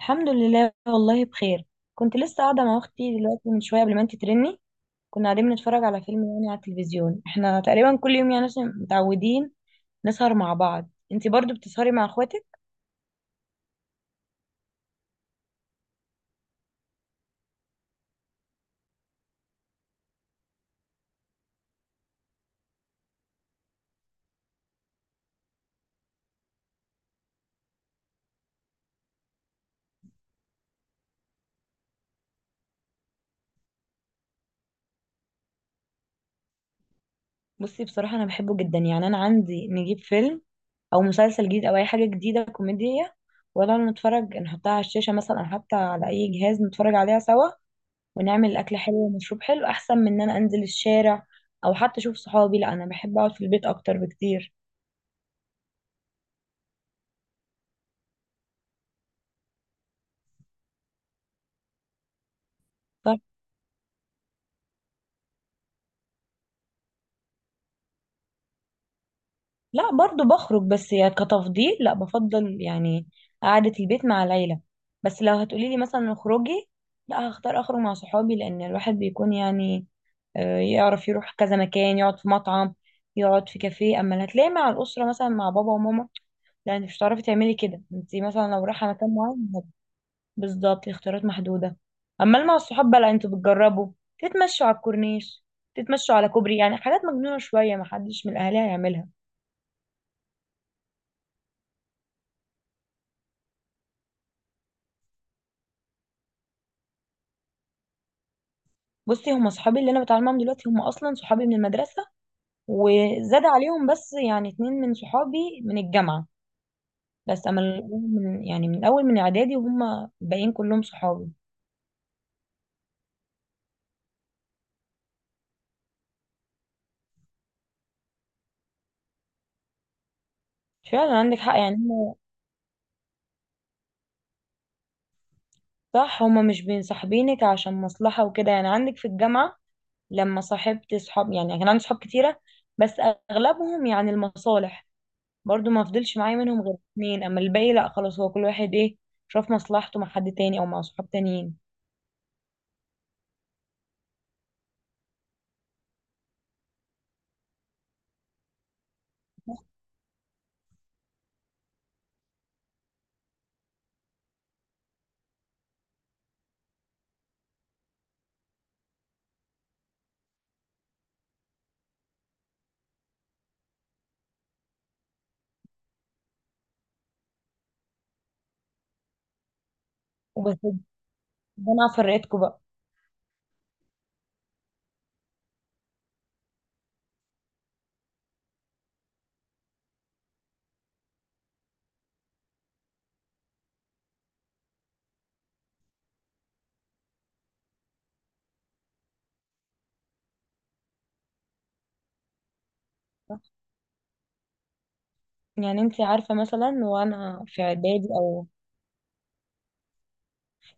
الحمد لله، والله بخير. كنت لسه قاعدة مع أختي دلوقتي من شوية قبل ما أنت ترني. كنا قاعدين بنتفرج على فيلم، يعني على التلفزيون. احنا تقريبا كل يوم يعني عشان متعودين نسهر مع بعض. انت برضو بتسهري مع اخواتك؟ بصي، بصراحة أنا بحبه جدا. يعني أنا عندي نجيب فيلم أو مسلسل جديد أو أي حاجة جديدة كوميدية ولا نتفرج، نحطها على الشاشة مثلا أو حتى على أي جهاز نتفرج عليها سوا، ونعمل أكل حلو ومشروب حلو، أحسن من إن أنا أنزل الشارع أو حتى أشوف صحابي. لا، أنا بحب أقعد في البيت أكتر بكتير. لا، برضو بخرج، بس يعني كتفضيل، لا بفضل يعني قعدة البيت مع العيلة. بس لو هتقولي لي مثلا اخرجي، لا هختار اخرج مع صحابي، لان الواحد بيكون يعني يعرف يروح كذا مكان، يقعد في مطعم، يقعد في كافيه. اما اللي هتلاقي مع الاسرة مثلا، مع بابا وماما، لا، انت مش هتعرفي تعملي كده. انت مثلا لو رايحة مكان معين بالظبط، الاختيارات محدودة. اما اللي مع الصحاب بقى، لا، انتوا بتجربوا تتمشوا على الكورنيش، تتمشوا على كوبري، يعني حاجات مجنونة شوية محدش من الاهالي هيعملها. بصي، هم صحابي اللي انا بتعامل معاهم دلوقتي هم اصلا صحابي من المدرسه، وزاد عليهم بس يعني اتنين من صحابي من الجامعه. بس اما من يعني من اول من اعدادي، وهم الباقيين كلهم صحابي. فعلا عندك حق، يعني هم صح. هم مش بينصاحبينك عشان مصلحه وكده. يعني عندك في الجامعه لما صاحبت صحاب، يعني كان عندي صحاب كتيره، بس اغلبهم يعني المصالح. برضو ما فضلش معايا منهم غير اتنين، اما الباقي لا خلاص، هو كل واحد ايه، شاف مصلحته مع حد تاني او مع صحاب تانيين. وبس ده، انا فرقتكم بقى. يعني انت عارفة مثلا، وانا في اعدادي او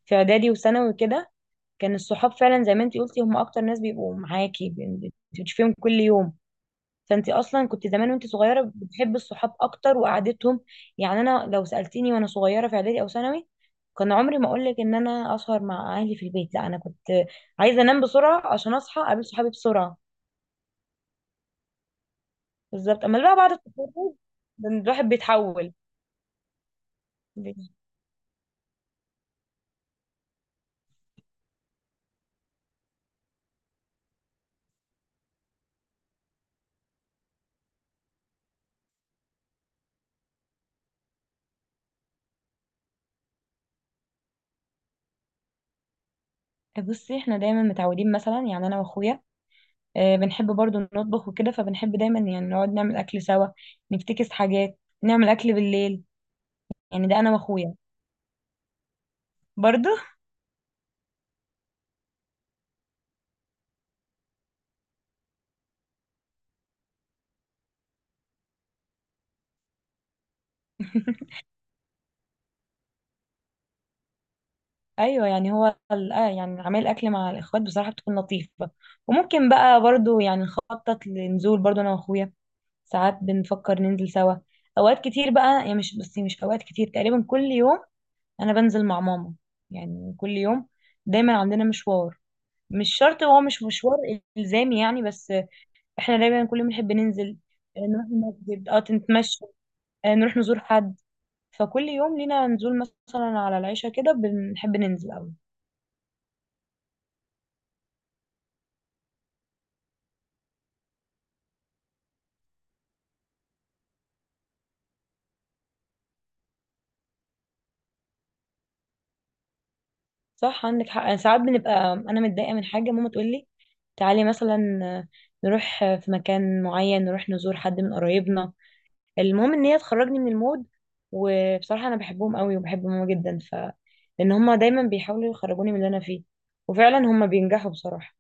في اعدادي وثانوي كده، كان الصحاب فعلا زي ما انت قلتي هم اكتر ناس بيبقوا معاكي، بتشوفيهم كل يوم. فانت اصلا كنت زمان وانت صغيرة بتحبي الصحاب اكتر وقعدتهم. يعني انا لو سألتيني وانا صغيرة في اعدادي او ثانوي، كان عمري ما اقولك ان انا اسهر مع اهلي في البيت. لا، انا كنت عايزة انام بسرعة عشان اصحى اقابل صحابي بسرعة. بالظبط، اما بقى بعد التخرج الواحد بيتحول. بصي، احنا دايما متعودين مثلا، يعني انا واخويا، بنحب برضو نطبخ وكده، فبنحب دايما يعني نقعد نعمل أكل سوا، نفتكس حاجات نعمل أكل بالليل. يعني ده أنا وأخويا برضو. أيوة، يعني هو يعني عمل أكل مع الإخوات بصراحة بتكون لطيفة. وممكن بقى برضو يعني نخطط لنزول، برضو أنا وأخويا ساعات بنفكر ننزل سوا. أوقات كتير بقى، يعني مش بس، مش أوقات كتير، تقريبا كل يوم أنا بنزل مع ماما، يعني كل يوم. دايما عندنا مشوار، مش شرط، هو مش مشوار إلزامي يعني، بس احنا دايما كل يوم نحب ننزل، نروح المسجد، اه نتمشى، نروح نزور حد. فكل يوم لينا نزول مثلا على العشاء كده، بنحب ننزل قوي. صح، عندك حق. أنا ساعات بنبقى انا متضايقه من حاجه، ماما تقول لي تعالي مثلا، نروح في مكان معين، نروح نزور حد من قرايبنا. المهم ان هي تخرجني من المود. وبصراحه انا بحبهم قوي، وبحب ماما جدا. لان هما دايما بيحاولوا يخرجوني من اللي انا فيه، وفعلا هما بينجحوا بصراحه.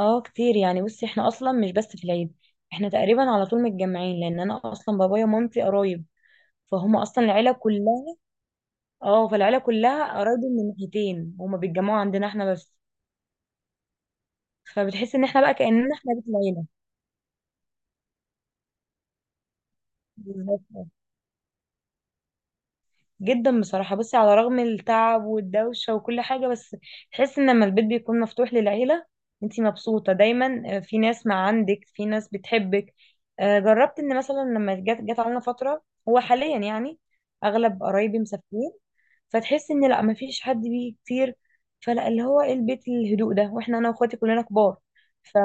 اه كتير. يعني بصي، احنا اصلا مش بس في العيد، احنا تقريبا على طول متجمعين، لان انا اصلا بابايا ومامتي قرايب، فهم اصلا العيله كلها. اه، فالعيله كلها قرايب من ناحيتين، هما بيتجمعوا عندنا احنا بس. فبتحس ان احنا بقى كاننا احنا بيت العيله. بالظبط، جدا بصراحة. بصي، على رغم التعب والدوشة وكل حاجة، بس تحس ان لما البيت بيكون مفتوح للعيلة، انتي مبسوطة دايما. في ناس مع، عندك في ناس بتحبك. جربت ان مثلا لما جت علينا فترة، هو حاليا يعني اغلب قرايبي مسافرين، فتحس ان لا، مفيش حد بيه كتير. فلا، اللي هو ايه، البيت الهدوء ده، واحنا انا واخواتي كلنا كبار، ف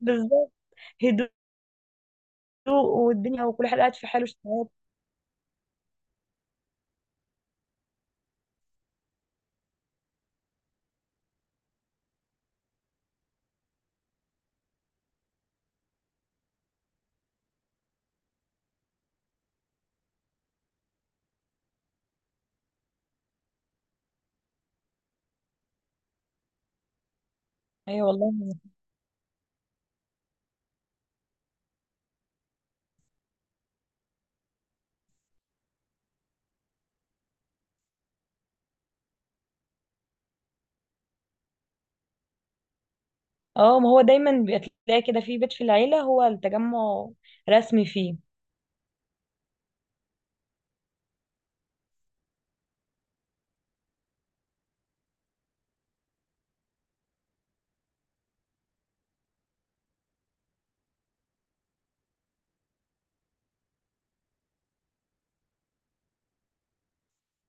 بالظبط، هدوء، والدنيا وكل حد قاعد في حاله، اشتغال. ايوه والله. اه، ما هو دايما بيبقى تلاقي كده في بيت في العيلة هو التجمع رسمي فيه.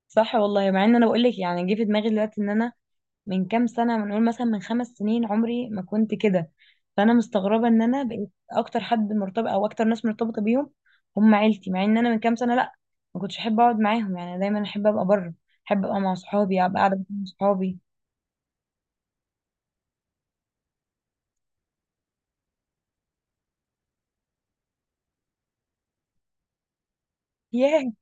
صح والله. مع ان انا بقول لك يعني، جه في دماغي دلوقتي ان انا من كام سنة، بنقول مثلا من خمس سنين، عمري ما كنت كده. فانا مستغربة ان انا بقيت اكتر حد مرتبط، او اكتر ناس مرتبطة بيهم هم عيلتي، مع ان انا من كام سنة لا، ما كنتش احب اقعد معاهم، يعني دايما احب ابقى بره، احب ابقى مع صحابي، ابقى قاعدة مع صحابي. ياه.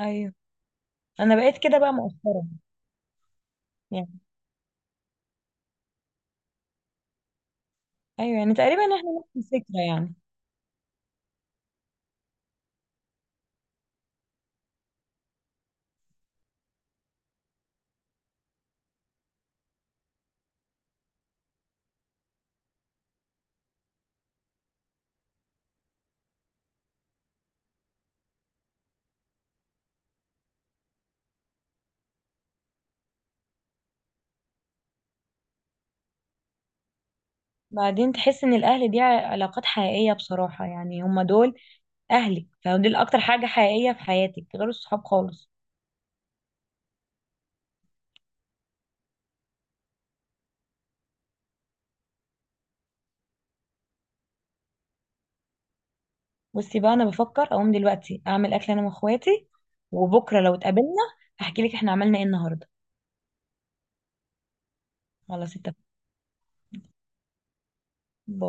ايوه، انا بقيت كده بقى مؤخرا يعني. ايوه، يعني تقريبا احنا نفس الفكرة يعني. بعدين تحس ان الاهل دي علاقات حقيقية. بصراحة يعني هما دول اهلك، فدول اكتر حاجة حقيقية في حياتك غير الصحاب خالص. بصي بقى، انا بفكر اقوم دلوقتي اعمل اكل انا واخواتي، وبكرة لو اتقابلنا هحكي لك احنا عملنا ايه النهاردة. خلاص اتفقنا. باي.